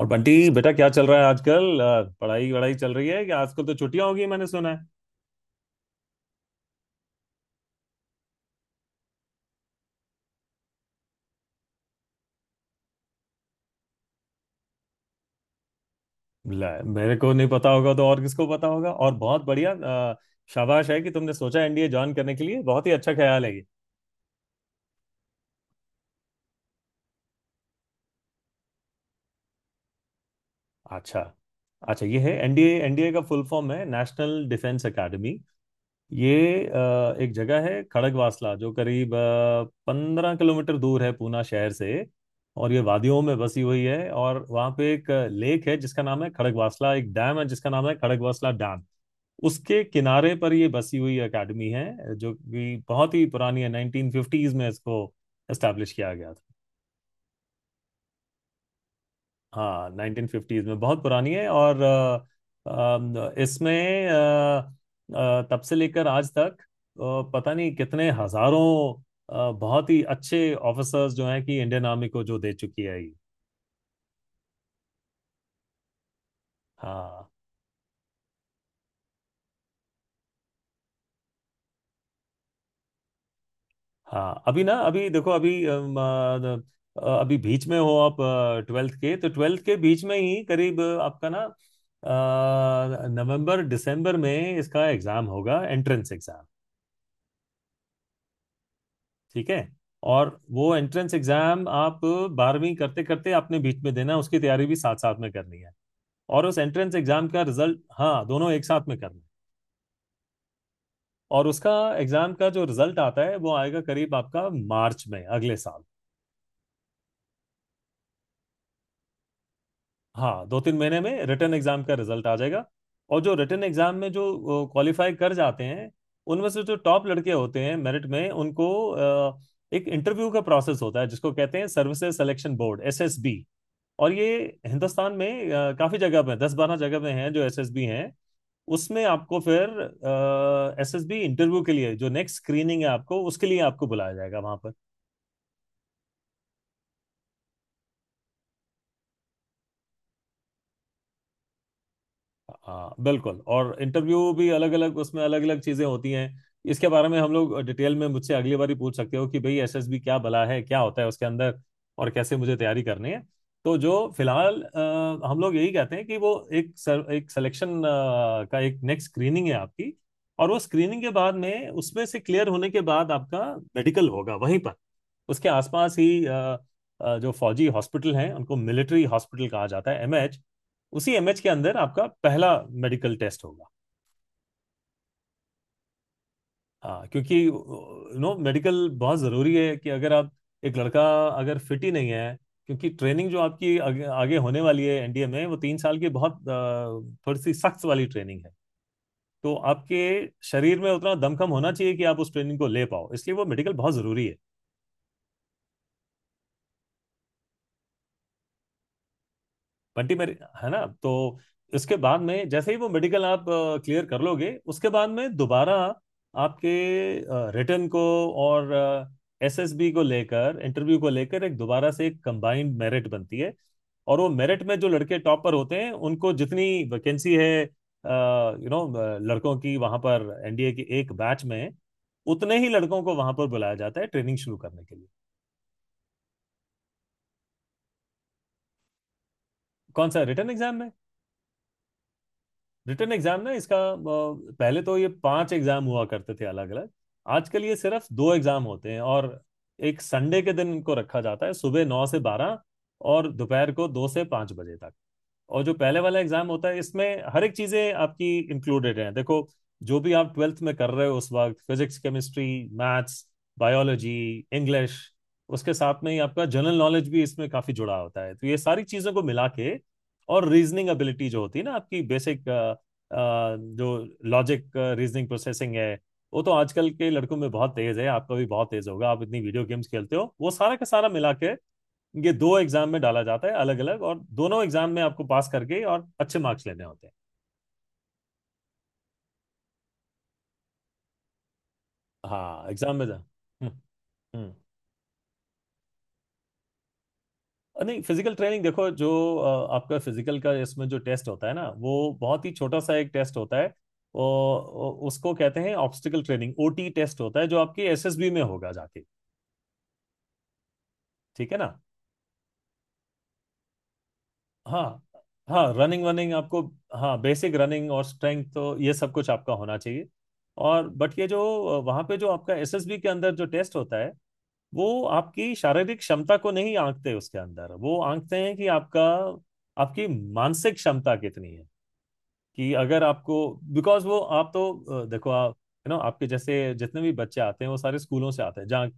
और बंटी बेटा क्या चल रहा है आजकल पढ़ाई वढ़ाई चल रही है कि आजकल तो छुट्टियां होगी मैंने सुना है। ले, मेरे को नहीं पता होगा तो और किसको पता होगा। और बहुत बढ़िया शाबाश है कि तुमने सोचा एनडीए ज्वाइन करने के लिए। बहुत ही अच्छा ख्याल है ये। अच्छा, अच्छा ये है एनडीए। एनडीए का फुल फॉर्म है नेशनल डिफेंस एकेडमी। ये एक जगह है खड़गवासला जो करीब 15 किलोमीटर दूर है पूना शहर से। और ये वादियों में बसी हुई है और वहाँ पे एक लेक है जिसका नाम है खड़गवासला, एक डैम है जिसका नाम है खड़गवासला डैम। उसके किनारे पर ये बसी हुई एकेडमी है जो कि बहुत ही पुरानी है। 1950s में इसको एस्टेब्लिश किया गया था। हाँ, 1950s में, बहुत पुरानी है। और अ, अम, इसमें अ, अ, तब से लेकर आज तक पता नहीं कितने हजारों बहुत ही अच्छे ऑफिसर्स जो हैं कि इंडियन आर्मी को जो दे चुकी है ये। हाँ हाँ, अभी ना अभी देखो अभी अभी बीच में हो आप ट्वेल्थ के। तो ट्वेल्थ के बीच में ही करीब आपका ना नवंबर दिसंबर में इसका एग्जाम होगा, एंट्रेंस एग्जाम। ठीक है। और वो एंट्रेंस एग्जाम आप बारहवीं करते करते आपने बीच में देना, उसकी तैयारी भी साथ साथ में करनी है। और उस एंट्रेंस एग्जाम का रिजल्ट, हाँ, दोनों एक साथ में करना है। और उसका एग्जाम का जो रिजल्ट आता है वो आएगा करीब आपका मार्च में अगले साल। हाँ, दो तीन महीने में रिटन एग्जाम का रिजल्ट आ जाएगा। और जो रिटन एग्जाम में जो क्वालिफाई कर जाते हैं, उनमें से जो टॉप लड़के होते हैं मेरिट में, उनको एक इंटरव्यू का प्रोसेस होता है जिसको कहते हैं सर्विसेज सिलेक्शन बोर्ड, एसएसबी। और ये हिंदुस्तान में काफी जगह पे, दस बारह जगह पे हैं जो एसएसबी हैं। उसमें आपको फिर एसएसबी इंटरव्यू के लिए, जो नेक्स्ट स्क्रीनिंग है आपको उसके लिए आपको बुलाया जाएगा वहां पर। हाँ बिल्कुल, और इंटरव्यू भी अलग अलग, उसमें अलग अलग चीजें होती हैं। इसके बारे में हम लोग डिटेल में, मुझसे अगली बार ही पूछ सकते हो कि भाई एसएसबी क्या बला है, क्या होता है उसके अंदर और कैसे मुझे तैयारी करनी है। तो जो फिलहाल हम लोग यही कहते हैं कि वो एक एक सिलेक्शन का एक नेक्स्ट स्क्रीनिंग है आपकी। और वो स्क्रीनिंग के बाद में, उसमें से क्लियर होने के बाद आपका मेडिकल होगा वहीं पर, उसके आसपास ही। जो फौजी हॉस्पिटल हैं उनको मिलिट्री हॉस्पिटल कहा जाता है, एमएच। उसी एमएच के अंदर आपका पहला मेडिकल टेस्ट होगा। हाँ, क्योंकि यू नो मेडिकल बहुत ज़रूरी है कि अगर आप एक लड़का अगर फिट ही नहीं है। क्योंकि ट्रेनिंग जो आपकी आगे, आगे होने वाली है एनडीए में, वो तीन साल की बहुत थोड़ी सी सख्त वाली ट्रेनिंग है। तो आपके शरीर में उतना दमखम होना चाहिए कि आप उस ट्रेनिंग को ले पाओ, इसलिए वो मेडिकल बहुत ज़रूरी है बंटी मेरी, है ना। तो इसके बाद में जैसे ही वो मेडिकल आप क्लियर कर लोगे, उसके बाद में दोबारा आपके रिटर्न को और एसएसबी को लेकर, इंटरव्यू को लेकर, एक दोबारा से एक कंबाइंड मेरिट बनती है। और वो मेरिट में जो लड़के टॉप पर होते हैं उनको, जितनी वैकेंसी है यू नो लड़कों की वहां पर एनडीए की एक बैच में, उतने ही लड़कों को वहां पर बुलाया जाता है ट्रेनिंग शुरू करने के लिए। कौन सा, रिटर्न एग्जाम में? रिटन एग्जाम ना इसका पहले तो ये पांच एग्जाम हुआ करते थे अलग अलग। आजकल ये सिर्फ दो एग्जाम होते हैं। और एक संडे के दिन इनको रखा जाता है, सुबह 9 से 12 और दोपहर को 2 से 5 बजे तक। और जो पहले वाला एग्जाम होता है, इसमें हर एक चीजें आपकी इंक्लूडेड हैं। देखो, जो भी आप ट्वेल्थ में कर रहे हो उस वक्त, physics, chemistry, maths, biology, English, उसके साथ में ही आपका जनरल नॉलेज भी इसमें काफी जुड़ा होता है। तो ये सारी चीजों को मिला के, और रीजनिंग एबिलिटी जो होती है ना आपकी बेसिक, जो लॉजिक रीजनिंग प्रोसेसिंग है, वो तो आजकल के लड़कों में बहुत तेज है, आपका भी बहुत तेज होगा, आप इतनी वीडियो गेम्स खेलते हो, वो सारा का सारा मिला के ये दो एग्जाम में डाला जाता है अलग अलग। और दोनों एग्जाम में आपको पास करके और अच्छे मार्क्स लेने होते हैं। हाँ एग्जाम में जा। हम्म। हम्म। नहीं, फिजिकल ट्रेनिंग देखो जो आपका फिजिकल का इसमें जो टेस्ट होता है ना, वो बहुत ही छोटा सा एक टेस्ट होता है। वो, उसको कहते हैं ऑब्स्टिकल ट्रेनिंग, ओटी टेस्ट होता है जो आपके एसएसबी में होगा जाके, ठीक है ना। हाँ हाँ, रनिंग वनिंग आपको, हाँ बेसिक रनिंग और स्ट्रेंथ तो ये सब कुछ आपका होना चाहिए। और बट ये जो वहाँ पे जो आपका एसएसबी के अंदर जो टेस्ट होता है, वो आपकी शारीरिक क्षमता को नहीं आंकते उसके अंदर। वो आंकते हैं कि आपका, आपकी मानसिक क्षमता कितनी है, कि अगर आपको, बिकॉज वो आप तो देखो आप, यू नो, आपके जैसे जितने भी बच्चे आते हैं वो सारे स्कूलों से आते हैं जहाँ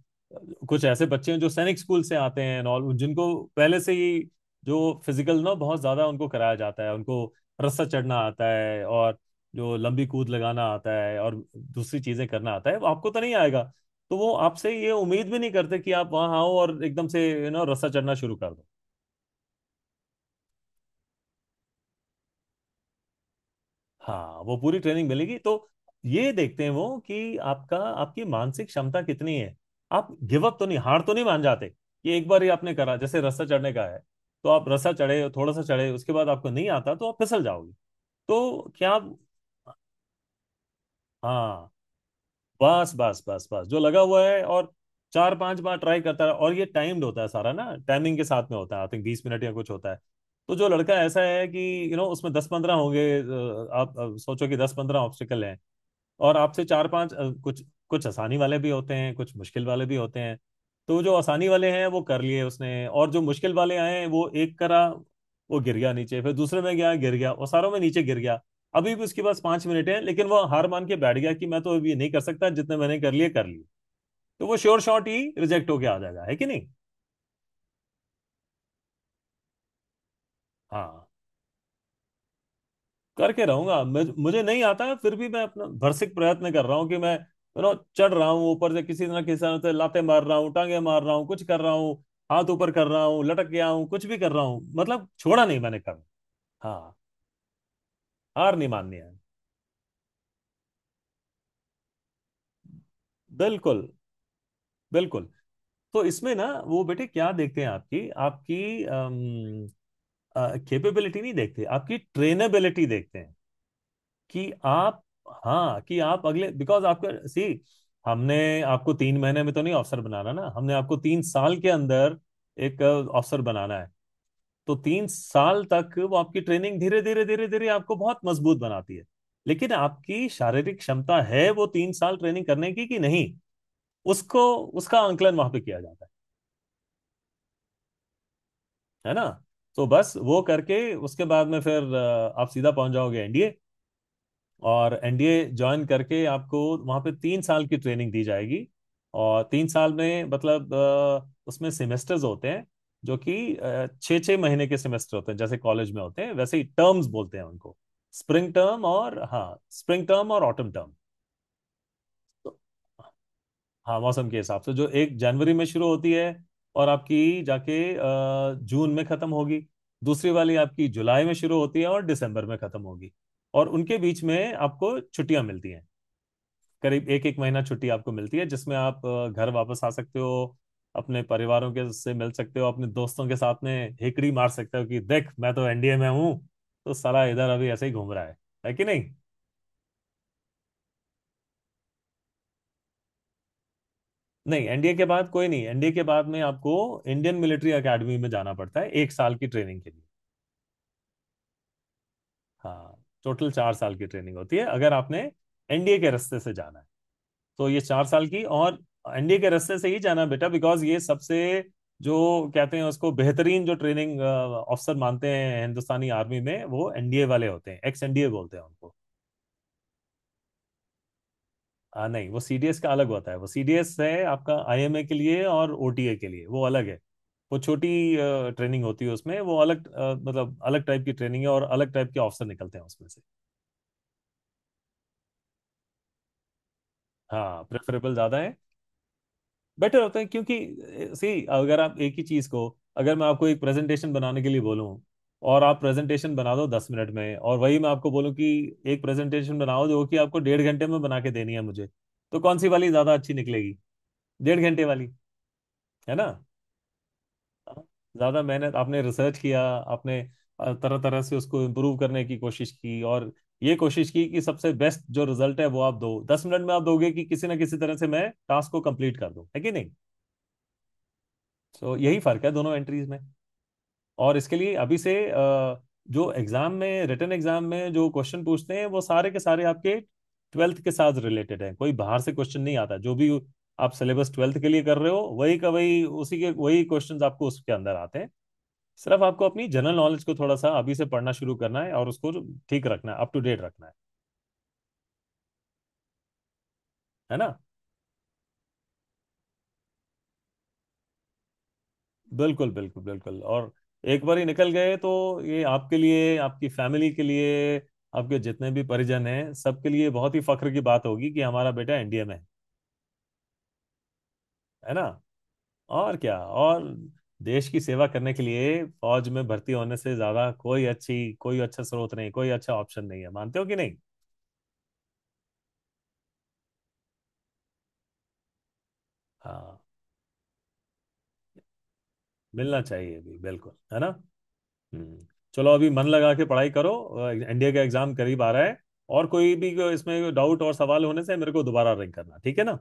कुछ ऐसे बच्चे हैं जो सैनिक स्कूल से आते हैं और जिनको पहले से ही जो फिजिकल ना बहुत ज्यादा उनको कराया जाता है, उनको रस्सा चढ़ना आता है, और जो लंबी कूद लगाना आता है और दूसरी चीजें करना आता है, वो आपको तो नहीं आएगा। तो वो आपसे ये उम्मीद भी नहीं करते कि आप वहाँ आओ और एकदम से यू नो रस्सा चढ़ना शुरू कर। हाँ वो पूरी ट्रेनिंग मिलेगी। तो ये देखते हैं वो कि आपका, आपकी मानसिक क्षमता कितनी है। आप गिव अप तो नहीं, हार तो नहीं मान जाते, कि एक बार ही आपने करा, जैसे रस्सा चढ़ने का है, तो आप रस्सा चढ़े, थोड़ा सा चढ़े, उसके बाद आपको नहीं आता तो आप फिसल जाओगे, तो क्या आप, हाँ बस बस बस बस जो लगा हुआ है, और चार पांच बार ट्राई करता है। और ये टाइम्ड होता है सारा ना, टाइमिंग के साथ में होता है, आई थिंक 20 मिनट या कुछ होता है। तो जो लड़का ऐसा है कि यू you नो, know, उसमें दस पंद्रह होंगे आप सोचो कि दस पंद्रह ऑब्स्टिकल हैं, और आपसे चार पांच कुछ कुछ आसानी वाले भी होते हैं, कुछ मुश्किल वाले भी होते हैं। तो जो आसानी वाले हैं वो कर लिए उसने, और जो मुश्किल वाले आए हैं वो एक करा, वो गिर गया नीचे, फिर दूसरे में गया, गिर गया, और सारों में नीचे गिर गया। अभी भी उसके पास 5 मिनट हैं, लेकिन वो हार मान के बैठ गया कि मैं तो अब ये नहीं कर सकता, जितने मैंने कर लिए कर लिए। तो वो श्योर शॉट ही रिजेक्ट होके आ जाएगा, है कि नहीं। हाँ, करके रहूंगा। मुझे, मुझे नहीं आता है फिर भी मैं अपना भरसक प्रयत्न कर रहा हूँ कि मैं यू नो चढ़ रहा हूँ, ऊपर से किसी ना किसी तरह से लाते मार रहा हूँ, टांगे मार रहा हूँ, कुछ कर रहा हूँ, हाथ ऊपर कर रहा हूँ, लटक गया हूँ, कुछ भी कर रहा हूँ, मतलब छोड़ा नहीं मैंने कभी। हाँ, हार नहीं माननी है। बिल्कुल, बिल्कुल। तो इसमें ना वो बेटे क्या देखते हैं, आपकी, आपकी कैपेबिलिटी नहीं देखते, आपकी ट्रेनेबिलिटी देखते हैं। कि आप, हाँ, कि आप अगले, बिकॉज आपका सी, हमने आपको 3 महीने में तो नहीं अफसर बनाना ना, हमने आपको 3 साल के अंदर एक अफसर बनाना है। तो 3 साल तक वो आपकी ट्रेनिंग धीरे धीरे धीरे धीरे आपको बहुत मजबूत बनाती है। लेकिन आपकी शारीरिक क्षमता है वो तीन साल ट्रेनिंग करने की कि नहीं, उसको, उसका आंकलन वहां पे किया जाता है ना। तो बस वो करके उसके बाद में फिर आप सीधा पहुंच जाओगे एनडीए। और एनडीए ज्वाइन करके आपको वहाँ पे 3 साल की ट्रेनिंग दी जाएगी। और 3 साल में मतलब उसमें सेमेस्टर्स होते हैं, जो कि 6-6 महीने के सेमेस्टर होते हैं जैसे कॉलेज में होते हैं, वैसे ही टर्म्स बोलते हैं उनको, स्प्रिंग टर्म और, हाँ, स्प्रिंग टर्म और ऑटम टर्म। तो हाँ, मौसम के हिसाब से, जो एक जनवरी में शुरू होती है और आपकी जाके जून में खत्म होगी। दूसरी वाली आपकी जुलाई में शुरू होती है और दिसंबर में खत्म होगी। और उनके बीच में आपको छुट्टियां मिलती हैं, करीब एक एक महीना छुट्टी आपको मिलती है, जिसमें आप घर वापस आ सकते हो, अपने परिवारों के से मिल सकते हो, अपने दोस्तों के साथ में हिकड़ी मार सकते हो कि देख मैं तो एनडीए में हूँ, तो साला इधर अभी ऐसे ही घूम रहा है कि नहीं। नहीं एनडीए के बाद कोई नहीं, एनडीए के बाद में आपको इंडियन मिलिट्री एकेडमी में जाना पड़ता है 1 साल की ट्रेनिंग के लिए। हाँ, टोटल 4 साल की ट्रेनिंग होती है अगर आपने एनडीए के रास्ते से जाना है, तो ये 4 साल की। और एनडीए के रास्ते से ही जाना बेटा, बिकॉज ये सबसे जो कहते हैं उसको, बेहतरीन जो ट्रेनिंग ऑफिसर मानते हैं हिंदुस्तानी आर्मी में, वो एनडीए वाले होते हैं। एक्स एनडीए बोलते हैं उनको। आ, नहीं वो सीडीएस का अलग होता है। वो सीडीएस है आपका आईएमए के लिए और ओटीए के लिए, वो अलग है, वो छोटी ट्रेनिंग होती है उसमें, वो अलग मतलब अलग टाइप की ट्रेनिंग है और अलग टाइप के ऑफिसर निकलते हैं उसमें से। हाँ, प्रेफरेबल ज्यादा है, बेटर होता है। क्योंकि सी, अगर आप एक ही चीज को, अगर मैं आपको एक प्रेजेंटेशन बनाने के लिए बोलूं और आप प्रेजेंटेशन बना दो 10 मिनट में, और वही मैं आपको बोलूं कि एक प्रेजेंटेशन बनाओ जो कि आपको 1.5 घंटे में बना के देनी है मुझे, तो कौन सी वाली ज्यादा अच्छी निकलेगी? 1.5 घंटे वाली, है ना। ज्यादा मेहनत, आपने रिसर्च किया, आपने तरह तरह से उसको इम्प्रूव करने की कोशिश की, और ये कोशिश की कि सबसे बेस्ट जो रिजल्ट है वो आप दो दस मिनट में आप दोगे कि किसी ना किसी तरह से मैं टास्क को कंप्लीट कर दूं, है कि नहीं। सो, यही फर्क है दोनों एंट्रीज में। और इसके लिए अभी से जो एग्जाम में, रिटन एग्जाम में जो क्वेश्चन पूछते हैं, वो सारे के सारे आपके ट्वेल्थ के साथ रिलेटेड है, कोई बाहर से क्वेश्चन नहीं आता। जो भी आप सिलेबस ट्वेल्थ के लिए कर रहे हो, वही का वही, उसी के वही क्वेश्चंस आपको उसके अंदर आते हैं। सिर्फ आपको अपनी जनरल नॉलेज को थोड़ा सा अभी से पढ़ना शुरू करना है और उसको ठीक रखना है, अप टू डेट रखना है ना। बिल्कुल बिल्कुल बिल्कुल। और एक बार ही निकल गए तो ये आपके लिए, आपकी फैमिली के लिए, आपके जितने भी परिजन हैं सबके लिए बहुत ही फख्र की बात होगी कि हमारा बेटा एनडीए में है ना, और क्या। और देश की सेवा करने के लिए फौज में भर्ती होने से ज्यादा कोई अच्छी, कोई अच्छा स्रोत नहीं, कोई अच्छा ऑप्शन नहीं है, मानते हो कि नहीं। हाँ, मिलना चाहिए भी, बिल्कुल, है ना। हम्म। चलो अभी मन लगा के पढ़ाई करो, एनडीए का एग्जाम करीब आ रहा है। और कोई भी को इसमें डाउट और सवाल होने से मेरे को दोबारा रिंग करना, ठीक है ना।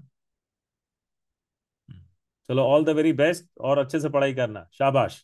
चलो ऑल द वेरी बेस्ट, और अच्छे से पढ़ाई करना, शाबाश।